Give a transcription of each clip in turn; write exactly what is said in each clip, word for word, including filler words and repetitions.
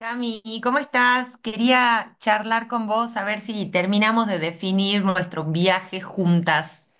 Cami, ¿cómo estás? Quería charlar con vos a ver si terminamos de definir nuestro viaje juntas.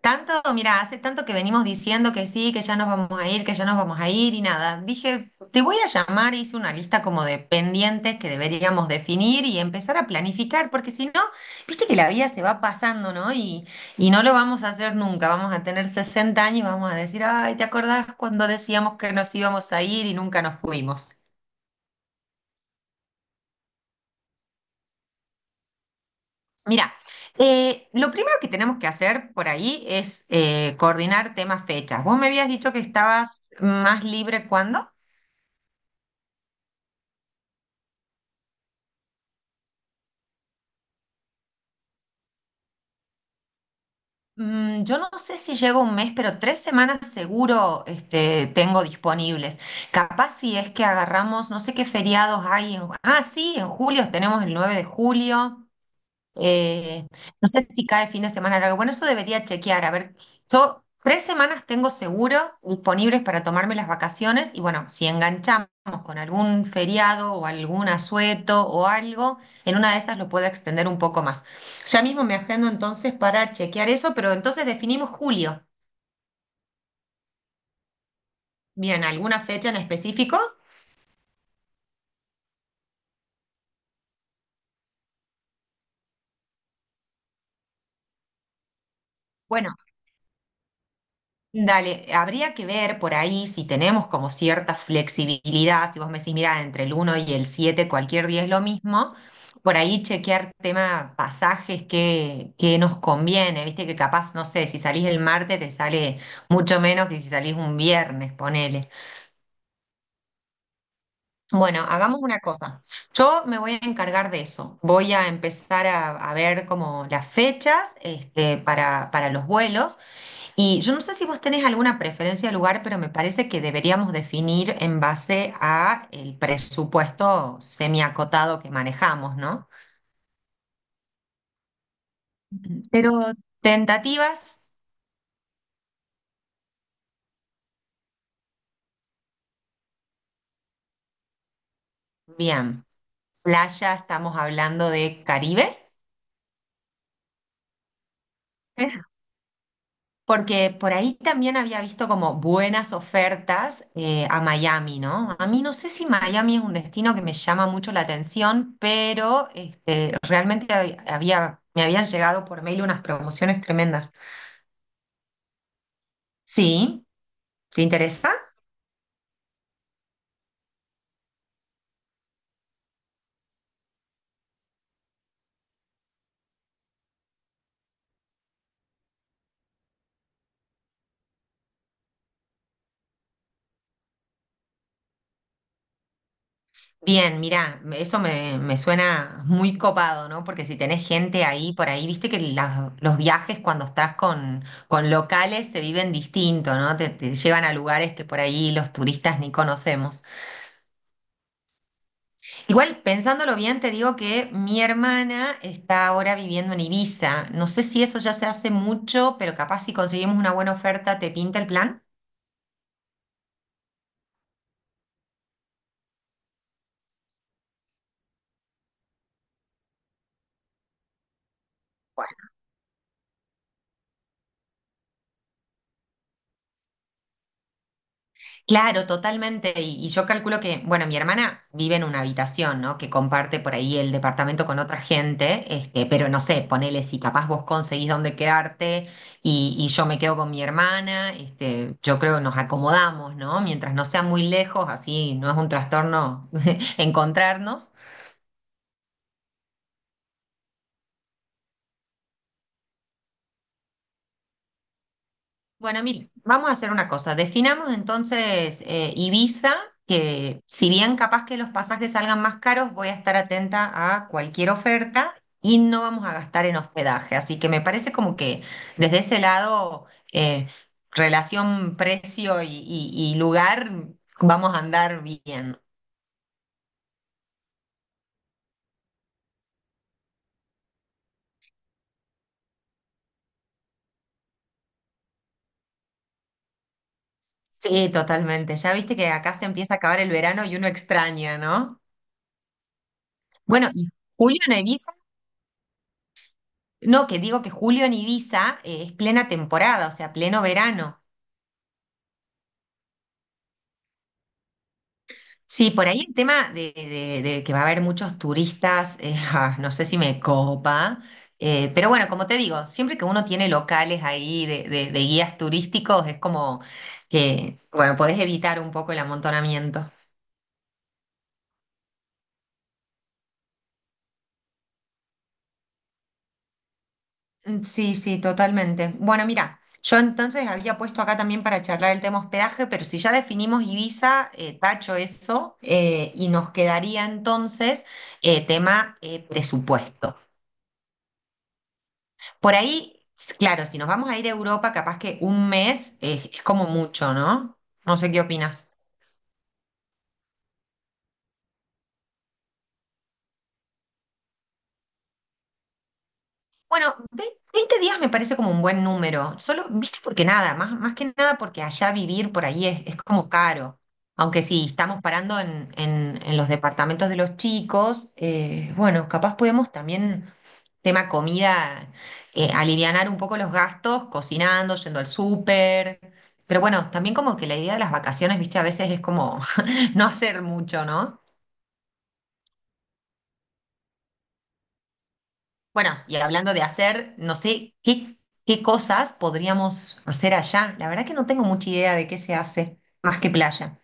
Tanto, mira, hace tanto que venimos diciendo que sí, que ya nos vamos a ir, que ya nos vamos a ir y nada. Dije, te voy a llamar, hice una lista como de pendientes que deberíamos definir y empezar a planificar, porque si no, viste que la vida se va pasando, ¿no? Y, y no lo vamos a hacer nunca. Vamos a tener sesenta años y vamos a decir, ay, ¿te acordás cuando decíamos que nos íbamos a ir y nunca nos fuimos? Mira, eh, lo primero que tenemos que hacer por ahí es eh, coordinar temas fechas. Vos me habías dicho que estabas más libre cuándo. Mm, yo no sé si llego un mes, pero tres semanas seguro este, tengo disponibles. Capaz si es que agarramos, no sé qué feriados hay en... Ah, sí, en julio tenemos el nueve de julio. Eh, no sé si cae fin de semana largo. Bueno, eso debería chequear. A ver, yo tres semanas tengo seguro disponibles para tomarme las vacaciones y bueno, si enganchamos con algún feriado o algún asueto o algo, en una de esas lo puedo extender un poco más. Ya mismo me agendo entonces para chequear eso, pero entonces definimos julio. Bien, ¿alguna fecha en específico? Bueno, dale, habría que ver por ahí si tenemos como cierta flexibilidad, si vos me decís, mira, entre el uno y el siete cualquier día es lo mismo, por ahí chequear tema pasajes que, que nos conviene, viste que capaz, no sé, si salís el martes te sale mucho menos que si salís un viernes, ponele. Bueno, hagamos una cosa, yo me voy a encargar de eso, voy a empezar a, a ver como las fechas este, para, para los vuelos. Y yo no sé si vos tenés alguna preferencia de lugar, pero me parece que deberíamos definir en base a el presupuesto semiacotado que manejamos, ¿no? Pero tentativas, bien. Playa, estamos hablando de Caribe, porque por ahí también había visto como buenas ofertas eh, a Miami, ¿no? A mí no sé si Miami es un destino que me llama mucho la atención, pero este, realmente hab- había, me habían llegado por mail unas promociones tremendas. Sí, ¿te interesa? Bien, mira, eso me, me suena muy copado, ¿no? Porque si tenés gente ahí por ahí, viste que las- los viajes cuando estás con, con locales se viven distinto, ¿no? Te, te llevan a lugares que por ahí los turistas ni conocemos. Igual, pensándolo bien, te digo que mi hermana está ahora viviendo en Ibiza. No sé si eso ya se hace mucho, pero capaz si conseguimos una buena oferta, ¿te pinta el plan? Claro, totalmente. Y, y yo calculo que, bueno, mi hermana vive en una habitación, ¿no? Que comparte por ahí el departamento con otra gente, este, pero no sé, ponele si capaz vos conseguís dónde quedarte y, y yo me quedo con mi hermana, este, yo creo que nos acomodamos, ¿no? Mientras no sea muy lejos, así no es un trastorno encontrarnos. Bueno, mire, vamos a hacer una cosa. Definamos entonces eh, Ibiza, que si bien capaz que los pasajes salgan más caros, voy a estar atenta a cualquier oferta y no vamos a gastar en hospedaje. Así que me parece como que desde ese lado, eh, relación precio y, y- y lugar, vamos a andar bien. Sí, totalmente. Ya viste que acá se empieza a acabar el verano y uno extraña, ¿no? Bueno, ¿y julio en Ibiza? No, que digo que julio en Ibiza eh, es plena temporada, o sea, pleno verano. Sí, por ahí el tema de, de- de que va a haber muchos turistas, eh, ah, no sé si me copa, eh, pero bueno, como te digo, siempre que uno tiene locales ahí de, de- de guías turísticos, es como que, bueno, podés evitar un poco el amontonamiento. Mm, sí, sí, totalmente. Bueno, mira, yo entonces había puesto acá también para charlar el tema hospedaje, pero si ya definimos Ibiza, eh, tacho eso, eh, y nos quedaría entonces eh, tema eh, presupuesto. Por ahí, s- claro, si nos vamos a ir a Europa, capaz que un mes eh, es como mucho, ¿no? No sé qué opinas. Bueno, ve- veinte días me parece como un buen número. Solo, viste, porque nada, más, más que nada porque allá vivir por ahí es, es como caro. Aunque si estamos parando en, en- en los departamentos de los chicos, eh, bueno, capaz podemos también, tema comida, eh, alivianar un poco los gastos, cocinando, yendo al súper. Pero bueno, también como que la idea de las vacaciones, viste, a veces es como no hacer mucho, ¿no? Bueno, y hablando de hacer, no sé qué, qué cosas podríamos hacer allá. La verdad que no tengo mucha idea de qué se hace más que playa.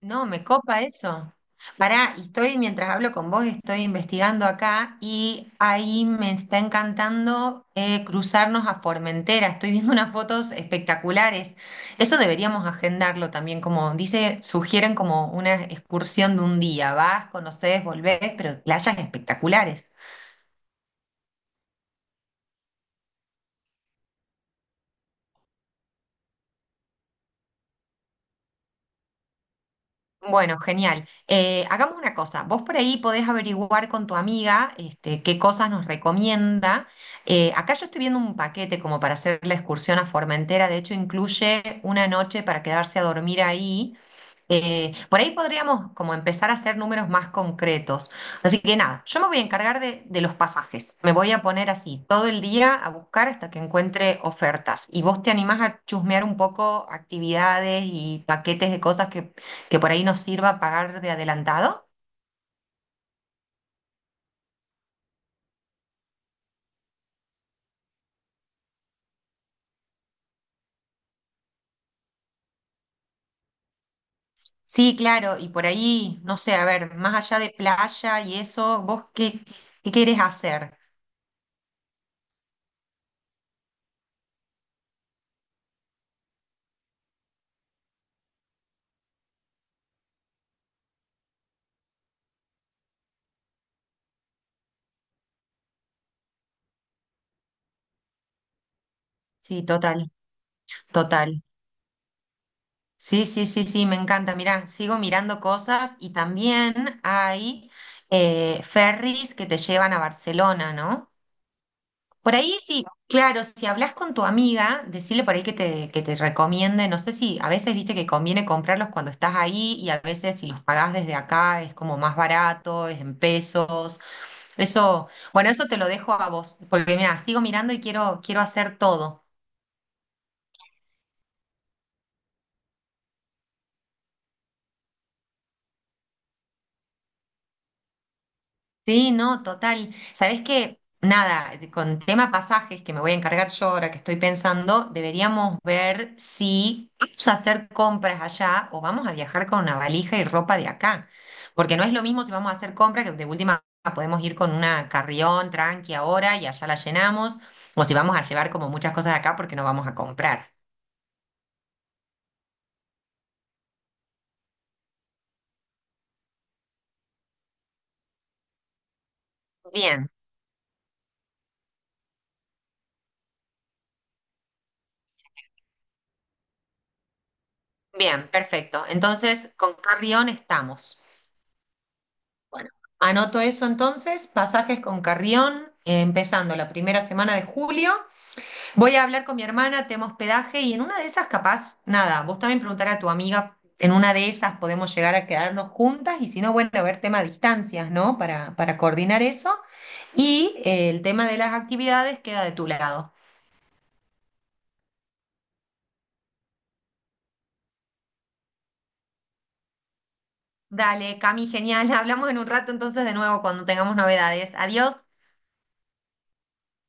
No, me copa eso. Pará, y estoy, mientras hablo con vos, estoy investigando acá y ahí me está encantando eh, cruzarnos a Formentera. Estoy viendo unas fotos espectaculares. Eso deberíamos agendarlo también, como dice, sugieren como una excursión de un día. Vas, conoces, volvés, pero playas espectaculares. Bueno, genial. Eh, hagamos una cosa. Vos por ahí podés averiguar con tu amiga este, qué cosas nos recomienda. Eh, acá yo estoy viendo un paquete como para hacer la excursión a Formentera. De hecho, incluye una noche para quedarse a dormir ahí. Eh, por ahí podríamos como empezar a hacer números más concretos. Así que nada, yo me voy a encargar de, de los pasajes. Me voy a poner así todo el día a buscar hasta que encuentre ofertas. Y vos te animás a chusmear un poco actividades y paquetes de cosas que, que por ahí nos sirva pagar de adelantado. Sí, claro, y por ahí, no sé, a ver, más allá de playa y eso, ¿vos qué, qué querés hacer? Sí, total, total. Sí, sí, sí, sí, me encanta. Mirá, sigo mirando cosas y también hay eh, ferries que te llevan a Barcelona, ¿no? Por ahí sí, claro, si hablas con tu amiga, decirle por ahí que te, que te recomiende, no sé si a veces viste que conviene comprarlos cuando estás ahí y a veces si los pagás desde acá es como más barato, es en pesos. Eso, bueno, eso te lo dejo a vos, porque mira, sigo mirando y quiero, quiero hacer todo. Sí, no, total. Sabés que, nada, de- con tema pasajes que me voy a encargar yo ahora que estoy pensando, deberíamos ver si vamos a hacer compras allá o vamos a viajar con una valija y ropa de acá. Porque no es lo mismo si vamos a hacer compras, que de última podemos ir con una carrión tranqui ahora y allá la llenamos, o si vamos a llevar como muchas cosas de acá porque no vamos a comprar. Bien, bien, perfecto. Entonces, con carrión estamos. Bueno, anoto eso entonces, pasajes con Carrión, eh, empezando la primera semana de julio. Voy a hablar con mi hermana, tema hospedaje, y en una de esas, capaz, nada, vos también preguntar a tu amiga, en una de esas podemos llegar a quedarnos juntas, y si no, bueno, a ver tema de distancias, ¿no? Para, para coordinar eso. Y eh, el tema de las actividades queda de tu lado. Dale, Cami, genial. Hablamos en un rato entonces de nuevo cuando tengamos novedades. Adiós.